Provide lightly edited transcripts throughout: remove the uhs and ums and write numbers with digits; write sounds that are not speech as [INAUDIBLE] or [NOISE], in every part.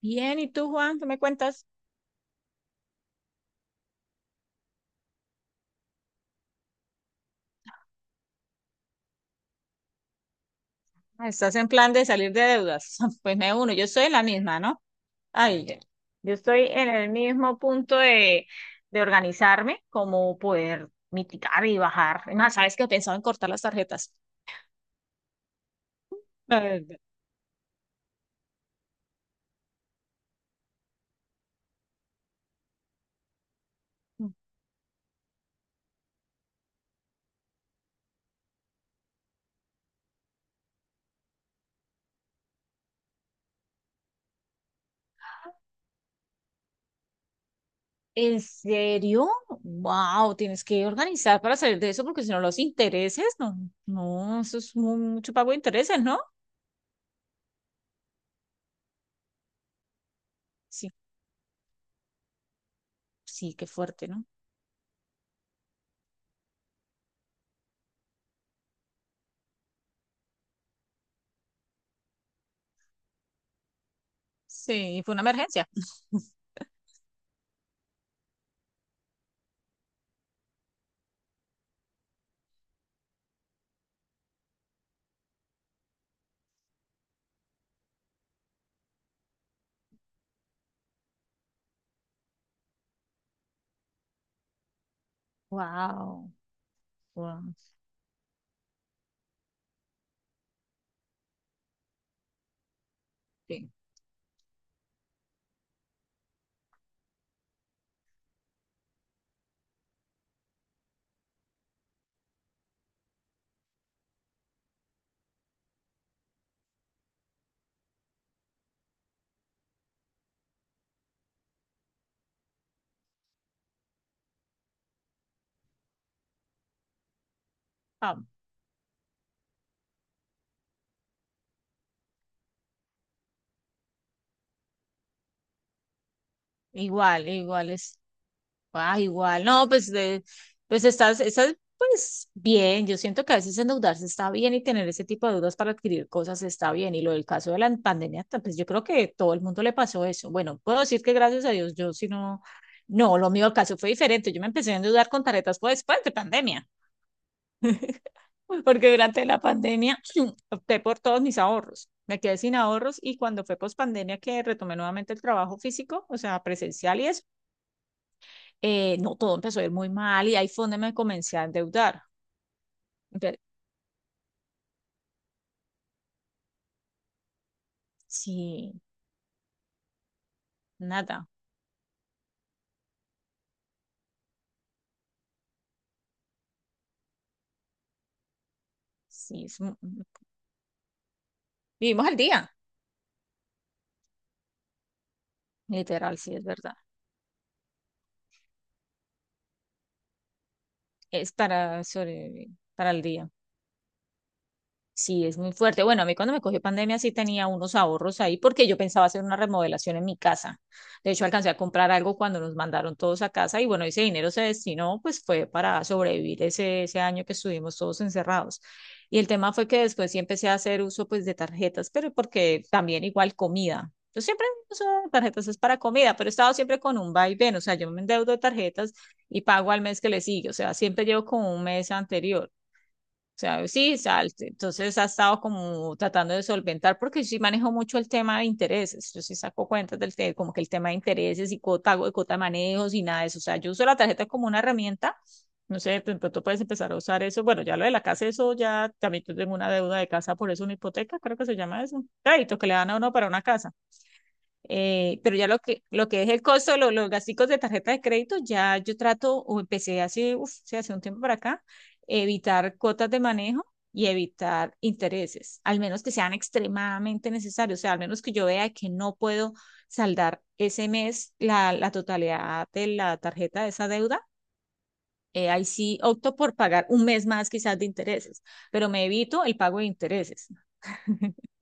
Bien, ¿y tú, Juan? ¿Qué me cuentas? Ah, estás en plan de salir de deudas. [LAUGHS] Pues me uno, yo estoy en la misma, ¿no? Ay, ya. Yo estoy en el mismo punto de organizarme, como poder mitigar y bajar. Es más, ¿sabes que he pensado en cortar las tarjetas? La verdad. ¿En serio? Wow, tienes que organizar para salir de eso porque si no los intereses, no, no, eso es mucho pago de intereses, ¿no? Sí, sí, qué fuerte, ¿no? Sí, fue una emergencia. Wow, wow. Ah, igual, igual es, ah, igual, no, pues, de, pues estás, pues bien, yo siento que a veces endeudarse está bien y tener ese tipo de deudas para adquirir cosas está bien, y lo del caso de la pandemia, pues yo creo que todo el mundo le pasó eso. Bueno, puedo decir que gracias a Dios, yo si no, no, lo mío, el caso fue diferente, yo me empecé a endeudar con tarjetas fue después de pandemia, [LAUGHS] porque durante la pandemia [CLEARS THROAT] opté por todos mis ahorros, me quedé sin ahorros, y cuando fue post pandemia que retomé nuevamente el trabajo físico, o sea, presencial y eso, no, todo empezó a ir muy mal y ahí fue donde me comencé a endeudar. Pero, sí, nada, sí, es vivimos al día, literal, sí, es verdad, es para sobrevivir, para el día. Sí, es muy fuerte. Bueno, a mí cuando me cogió pandemia sí tenía unos ahorros ahí porque yo pensaba hacer una remodelación en mi casa. De hecho, alcancé a comprar algo cuando nos mandaron todos a casa y bueno, ese dinero se destinó, pues fue para sobrevivir ese, ese año que estuvimos todos encerrados. Y el tema fue que después sí empecé a hacer uso pues de tarjetas, pero porque también igual comida. Yo siempre uso tarjetas es para comida, pero he estado siempre con un vaivén, o sea, yo me endeudo de tarjetas y pago al mes que le sigue, o sea, siempre llevo como un mes anterior. O sea, sí, o sea, entonces ha estado como tratando de solventar, porque yo sí manejo mucho el tema de intereses. Yo sí saco cuentas del tema, como que el tema de intereses y cuota, cuota de manejos y nada de eso. O sea, yo uso la tarjeta como una herramienta. No sé, de pronto puedes empezar a usar eso. Bueno, ya lo de la casa, eso ya también yo tengo una deuda de casa, por eso una hipoteca, creo que se llama eso. Crédito que le dan a uno para una casa. Pero ya lo que es el costo, los gastos de tarjeta de crédito, ya yo trato, o empecé hace, uf, sí, hace un tiempo para acá, evitar cuotas de manejo y evitar intereses, al menos que sean extremadamente necesarios, o sea, al menos que yo vea que no puedo saldar ese mes la, la totalidad de la tarjeta de esa deuda. Eh, ahí sí opto por pagar un mes más quizás de intereses, pero me evito el pago de intereses. [LAUGHS]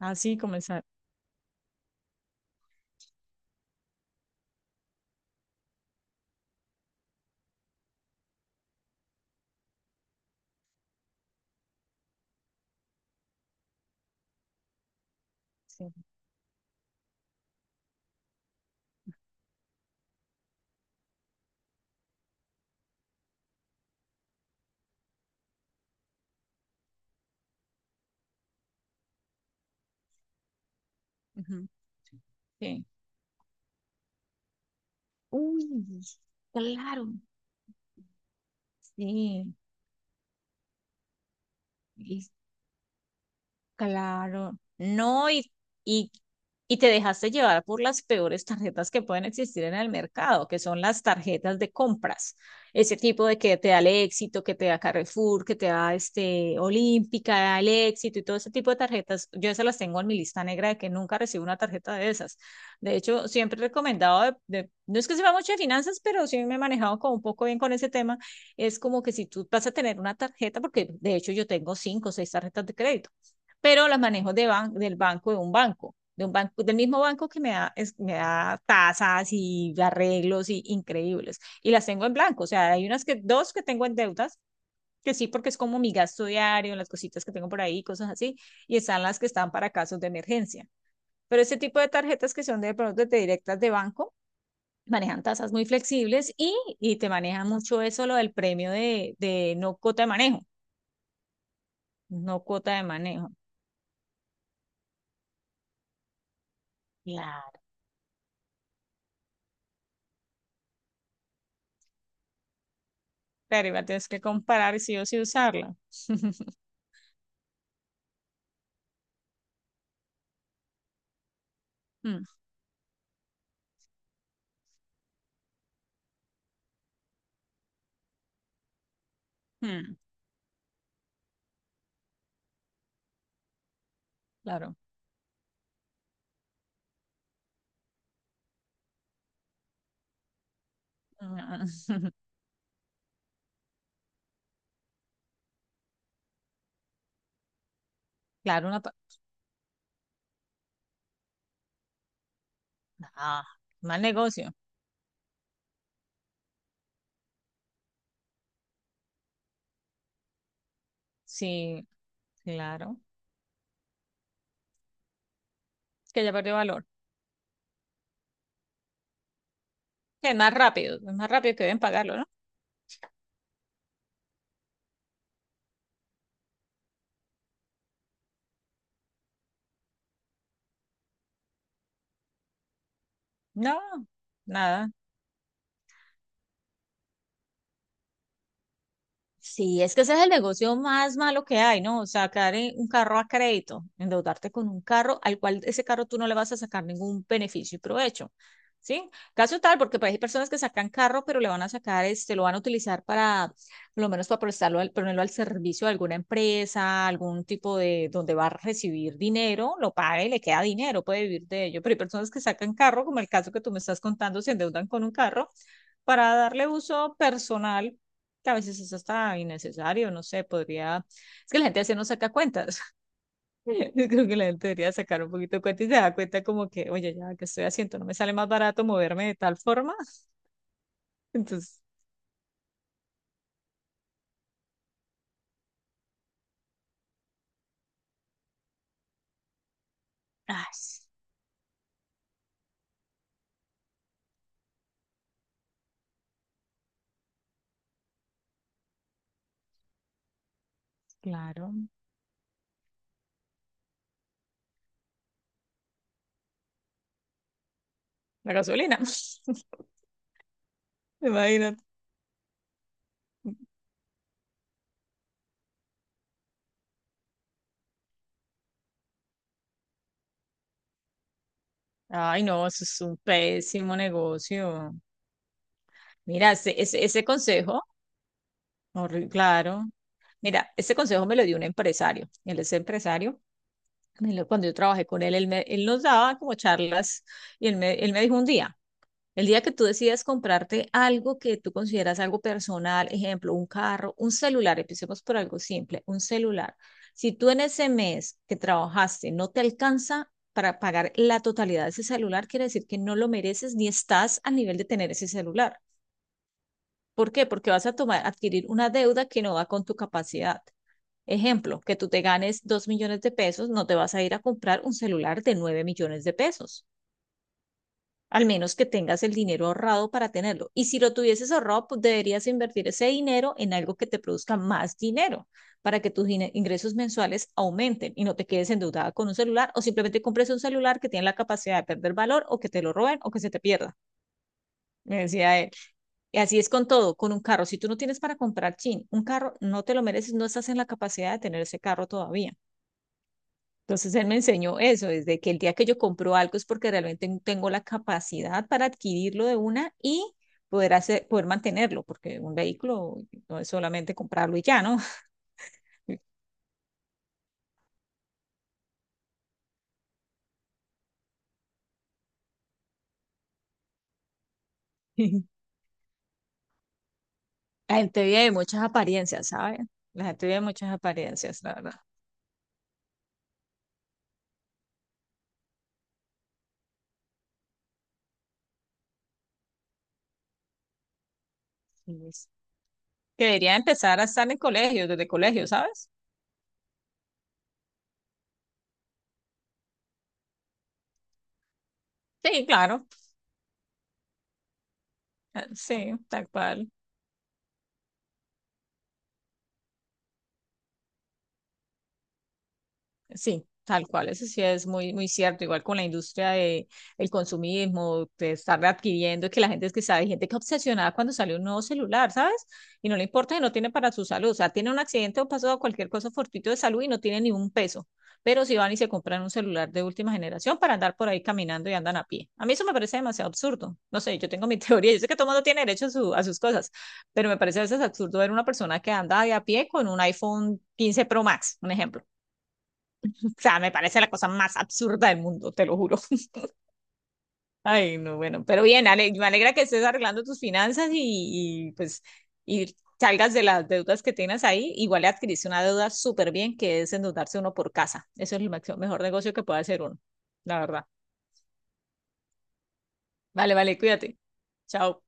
Así comenzar. Sí. Ujú. Sí. Uy, claro, sí, claro, no, y, y te dejaste llevar por las peores tarjetas que pueden existir en el mercado, que son las tarjetas de compras. Ese tipo de que te da el éxito, que te da Carrefour, que te da este Olímpica, el éxito y todo ese tipo de tarjetas. Yo esas las tengo en mi lista negra de que nunca recibo una tarjeta de esas. De hecho, siempre he recomendado, de, no es que sepa mucho de finanzas, pero sí me he manejado como un poco bien con ese tema. Es como que si tú vas a tener una tarjeta, porque de hecho yo tengo cinco o seis tarjetas de crédito pero las manejo de ban del banco, de un banco, del mismo banco que me da tasas y arreglos y increíbles. Y las tengo en blanco, o sea, hay unas que, dos que tengo en deudas, que sí, porque es como mi gasto diario, las cositas que tengo por ahí, cosas así, y están las que están para casos de emergencia. Pero ese tipo de tarjetas que son de productos de directas de banco, manejan tasas muy flexibles y te manejan mucho eso, lo del premio de no cuota de manejo, no cuota de manejo. Claro, claro, igual tienes que comparar si o sí usarla. Mm, mm, claro. Ah, [LAUGHS] claro, Ah, mal negocio. Sí, claro. Que ya perdió valor. Es más rápido que deben pagarlo, ¿no? No, nada. Sí, es que ese es el negocio más malo que hay, ¿no? O sea, sacar un carro a crédito, endeudarte con un carro al cual ese carro tú no le vas a sacar ningún beneficio y provecho, ¿sí? Caso tal, porque pues, hay personas que sacan carro, pero le van a sacar, este, lo van a utilizar para, por lo menos para prestarlo, al, ponerlo al servicio de alguna empresa, algún tipo de, donde va a recibir dinero, lo paga y le queda dinero, puede vivir de ello, pero hay personas que sacan carro, como el caso que tú me estás contando, se endeudan con un carro para darle uso personal que a veces es hasta innecesario, no sé, podría, es que la gente así no saca cuentas, [LAUGHS] yo creo que la gente debería sacar un poquito de cuenta y se da cuenta como que, oye, ya que estoy haciendo, no me sale más barato moverme de tal forma, [LAUGHS] entonces, ay, sí, claro, la gasolina, [LAUGHS] imagínate. Ay, no, eso es un pésimo negocio. Mira, ese consejo, claro. Mira, ese consejo me lo dio un empresario. Él es empresario. Cuando yo trabajé con él nos daba como charlas y él me dijo un día, el día que tú decidas comprarte algo que tú consideras algo personal, ejemplo, un carro, un celular, empecemos por algo simple, un celular. Si tú en ese mes que trabajaste no te alcanza para pagar la totalidad de ese celular, quiere decir que no lo mereces ni estás al nivel de tener ese celular. ¿Por qué? Porque vas a tomar, adquirir una deuda que no va con tu capacidad. Ejemplo, que tú te ganes 2 millones de pesos, no te vas a ir a comprar un celular de 9 millones de pesos, al menos que tengas el dinero ahorrado para tenerlo. Y si lo tuvieses ahorrado, pues deberías invertir ese dinero en algo que te produzca más dinero para que tus ingresos mensuales aumenten y no te quedes endeudada con un celular o simplemente compres un celular que tiene la capacidad de perder valor o que te lo roben o que se te pierda, me decía él. Y así es con todo, con un carro. Si tú no tienes para comprar, chin, un carro no te lo mereces, no estás en la capacidad de tener ese carro todavía. Entonces él me enseñó eso, desde que el día que yo compro algo es porque realmente tengo la capacidad para adquirirlo de una y poder hacer, poder mantenerlo, porque un vehículo no es solamente comprarlo y ya, ¿no? [LAUGHS] La gente vive de muchas apariencias, ¿sabes? La gente vive de muchas apariencias, la verdad. Y es que debería empezar a estar en colegios, desde colegios, ¿sabes? Sí, claro, ah, sí, tal cual. Sí, tal cual, eso sí es muy, muy cierto, igual con la industria de el consumismo, de estar adquiriendo, que la gente es que sabe, hay gente que obsesionada cuando sale un nuevo celular, ¿sabes? Y no le importa que no tiene para su salud, o sea, tiene un accidente o pasó cualquier cosa fortuito de salud y no tiene ni un peso, pero si van y se compran un celular de última generación para andar por ahí caminando y andan a pie. A mí eso me parece demasiado absurdo, no sé, yo tengo mi [LAUGHS] teoría, yo sé que todo mundo tiene derecho a, a sus cosas, pero me parece a veces absurdo ver una persona que anda de a pie con un iPhone 15 Pro Max, un ejemplo, o sea, me parece la cosa más absurda del mundo, te lo juro. [LAUGHS] Ay, no, bueno, pero bien, Ale, me alegra que estés arreglando tus finanzas pues y salgas de las deudas que tienes ahí. Igual le adquiriste una deuda súper bien, que es endeudarse uno por casa. Eso es el mejor negocio que puede hacer uno, la verdad. Vale, vale, cuídate. Chao.